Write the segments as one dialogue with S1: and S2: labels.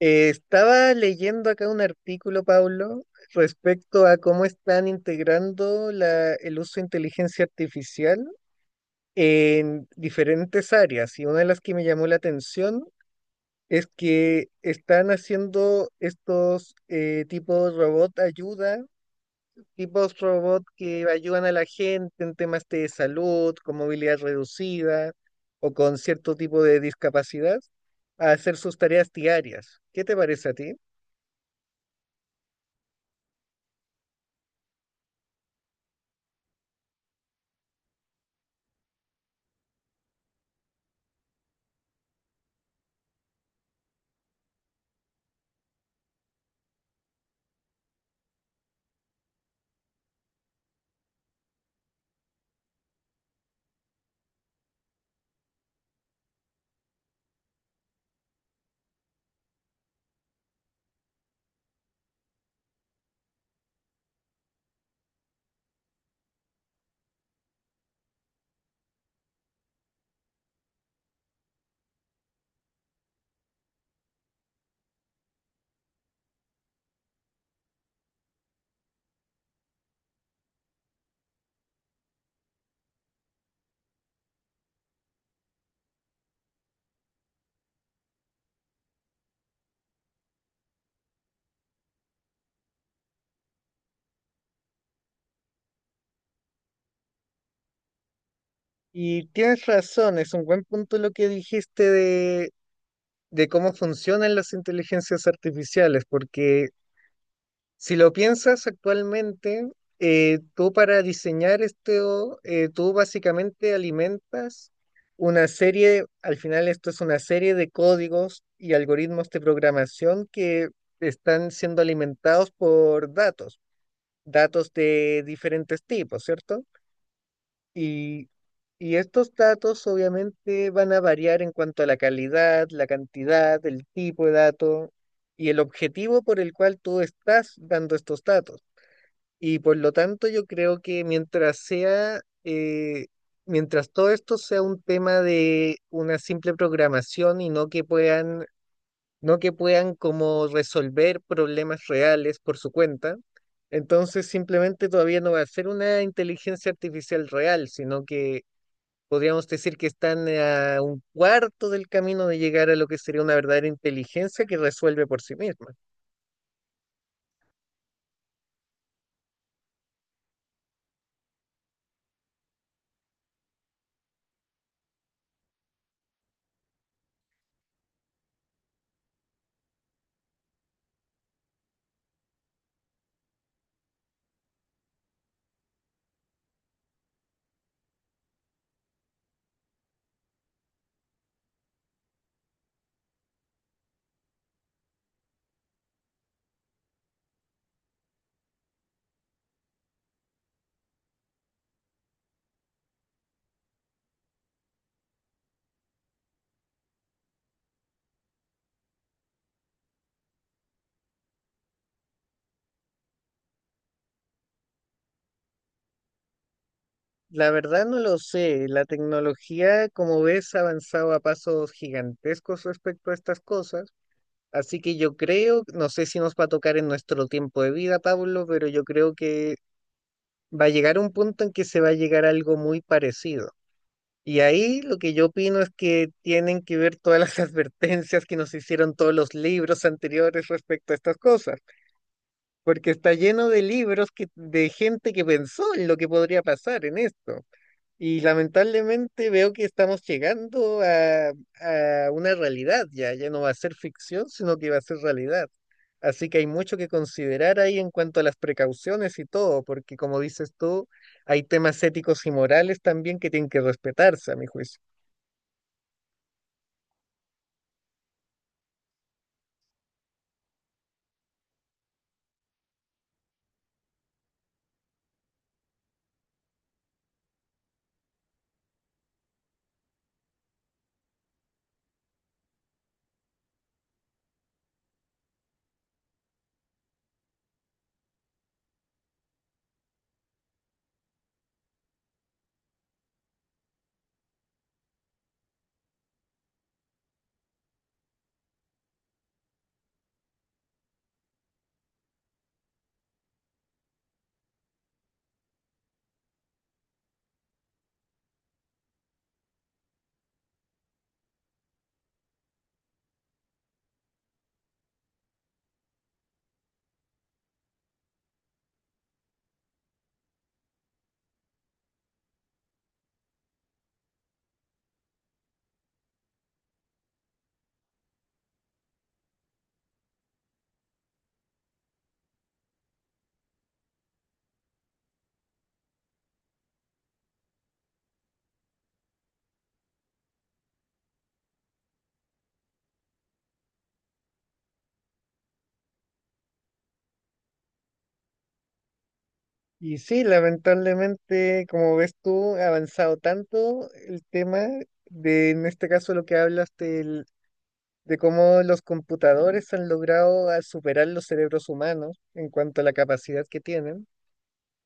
S1: Estaba leyendo acá un artículo, Pablo, respecto a cómo están integrando el uso de inteligencia artificial en diferentes áreas. Y una de las que me llamó la atención es que están haciendo estos tipos robot ayuda, tipos robot que ayudan a la gente en temas de salud, con movilidad reducida o con cierto tipo de discapacidad, a hacer sus tareas diarias. ¿Qué te parece a ti? Y tienes razón, es un buen punto lo que dijiste de cómo funcionan las inteligencias artificiales, porque si lo piensas actualmente, tú para diseñar esto, tú básicamente alimentas una serie, al final esto es una serie de códigos y algoritmos de programación que están siendo alimentados por datos, datos de diferentes tipos, ¿cierto? Y, y estos datos obviamente van a variar en cuanto a la calidad, la cantidad, el tipo de dato y el objetivo por el cual tú estás dando estos datos. Y por lo tanto yo creo que mientras sea, mientras todo esto sea un tema de una simple programación y no que puedan, no que puedan como resolver problemas reales por su cuenta, entonces simplemente todavía no va a ser una inteligencia artificial real, sino que podríamos decir que están a un cuarto del camino de llegar a lo que sería una verdadera inteligencia que resuelve por sí misma. La verdad no lo sé. La tecnología, como ves, ha avanzado a pasos gigantescos respecto a estas cosas. Así que yo creo, no sé si nos va a tocar en nuestro tiempo de vida, Pablo, pero yo creo que va a llegar un punto en que se va a llegar a algo muy parecido. Y ahí lo que yo opino es que tienen que ver todas las advertencias que nos hicieron todos los libros anteriores respecto a estas cosas. Porque está lleno de libros que, de gente que pensó en lo que podría pasar en esto. Y lamentablemente veo que estamos llegando a una realidad ya, ya no va a ser ficción, sino que va a ser realidad. Así que hay mucho que considerar ahí en cuanto a las precauciones y todo, porque como dices tú, hay temas éticos y morales también que tienen que respetarse, a mi juicio. Y sí, lamentablemente, como ves tú, ha avanzado tanto el tema de, en este caso, lo que hablas del de cómo los computadores han logrado a superar los cerebros humanos en cuanto a la capacidad que tienen,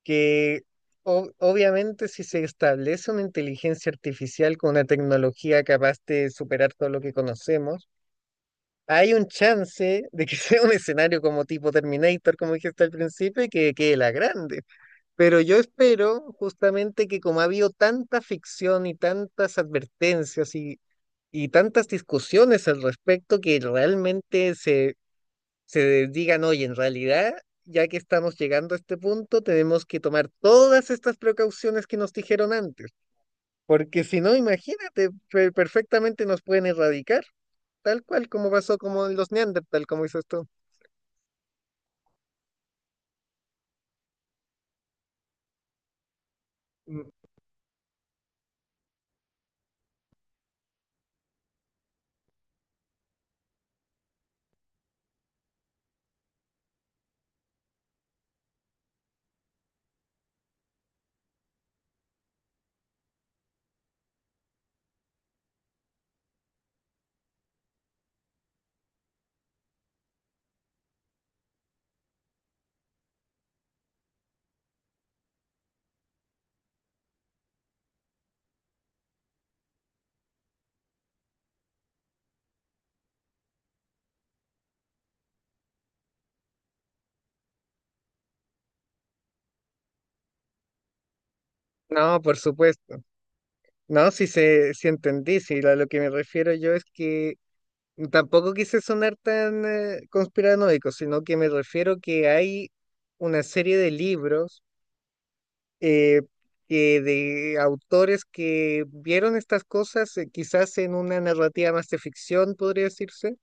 S1: que obviamente si se establece una inteligencia artificial con una tecnología capaz de superar todo lo que conocemos, hay un chance de que sea un escenario como tipo Terminator, como dijiste al principio, y que quede la grande. Pero yo espero justamente que como ha habido tanta ficción y tantas advertencias y tantas discusiones al respecto que realmente se se digan, oye, en realidad, ya que estamos llegando a este punto, tenemos que tomar todas estas precauciones que nos dijeron antes, porque si no, imagínate, perfectamente nos pueden erradicar, tal cual como pasó como en los Neandertal, como dices tú. Mm. No, por supuesto. No, si se, si entendí, si a lo que me refiero yo es que tampoco quise sonar tan conspiranoico, sino que me refiero que hay una serie de libros eh, que de autores que vieron estas cosas, quizás en una narrativa más de ficción, podría decirse,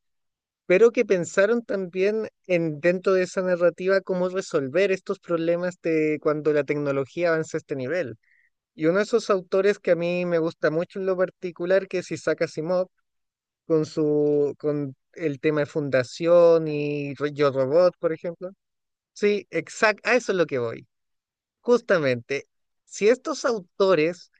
S1: pero que pensaron también en dentro de esa narrativa cómo resolver estos problemas de cuando la tecnología avanza a este nivel. Y uno de esos autores que a mí me gusta mucho en lo particular, que es Isaac Asimov, con su, con el tema de fundación y Yo Robot, por ejemplo. Sí, exacto, a eso es lo que voy. Justamente, si estos autores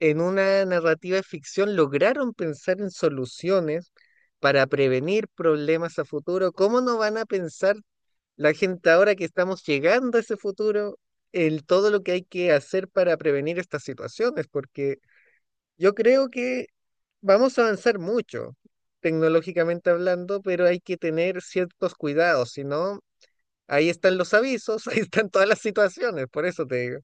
S1: en una narrativa de ficción lograron pensar en soluciones para prevenir problemas a futuro, ¿cómo no van a pensar la gente ahora que estamos llegando a ese futuro en todo lo que hay que hacer para prevenir estas situaciones? Porque yo creo que vamos a avanzar mucho tecnológicamente hablando, pero hay que tener ciertos cuidados, si no, ahí están los avisos, ahí están todas las situaciones, por eso te digo.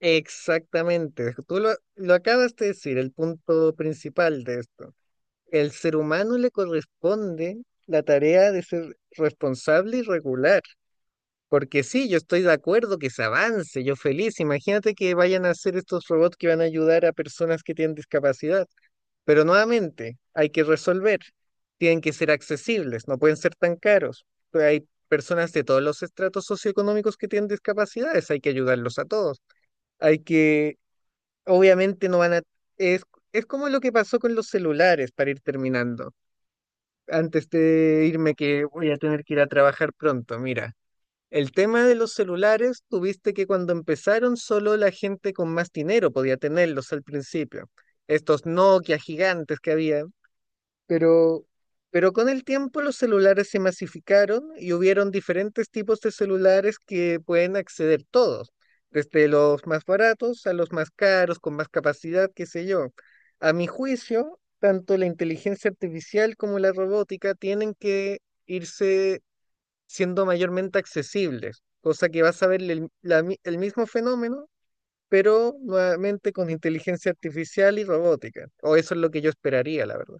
S1: Exactamente, tú lo acabas de decir, el punto principal de esto. El ser humano le corresponde la tarea de ser responsable y regular, porque sí, yo estoy de acuerdo que se avance, yo feliz, imagínate que vayan a hacer estos robots que van a ayudar a personas que tienen discapacidad, pero nuevamente hay que resolver, tienen que ser accesibles, no pueden ser tan caros. Hay personas de todos los estratos socioeconómicos que tienen discapacidades, hay que ayudarlos a todos, hay que obviamente no van a... Es, es como lo que pasó con los celulares para ir terminando. Antes de irme que voy a tener que ir a trabajar pronto, mira. El tema de los celulares, tuviste que cuando empezaron solo la gente con más dinero podía tenerlos al principio. Estos Nokia gigantes que había. Pero, pero con el tiempo los celulares se masificaron y hubieron diferentes tipos de celulares que pueden acceder todos, desde los más baratos a los más caros, con más capacidad, qué sé yo. A mi juicio, tanto la inteligencia artificial como la robótica tienen que irse siendo mayormente accesibles, cosa que vas a ver el, el mismo fenómeno, pero nuevamente con inteligencia artificial y robótica. O eso es lo que yo esperaría, la verdad.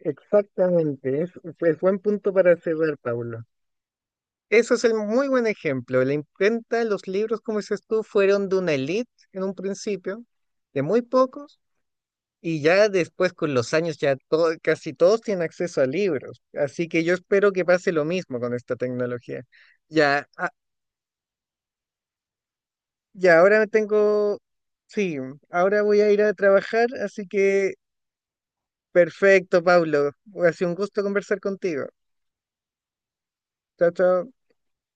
S1: Exactamente, es buen punto para cerrar, Pablo. Eso es el muy buen ejemplo. La imprenta, los libros, como dices tú, fueron de una elite en un principio, de muy pocos, y ya después con los años ya todo, casi todos tienen acceso a libros. Así que yo espero que pase lo mismo con esta tecnología. Ya, ah, ya ahora me tengo, sí, ahora voy a ir a trabajar, así que perfecto, Pablo. Ha sido un gusto conversar contigo. Chao, chao.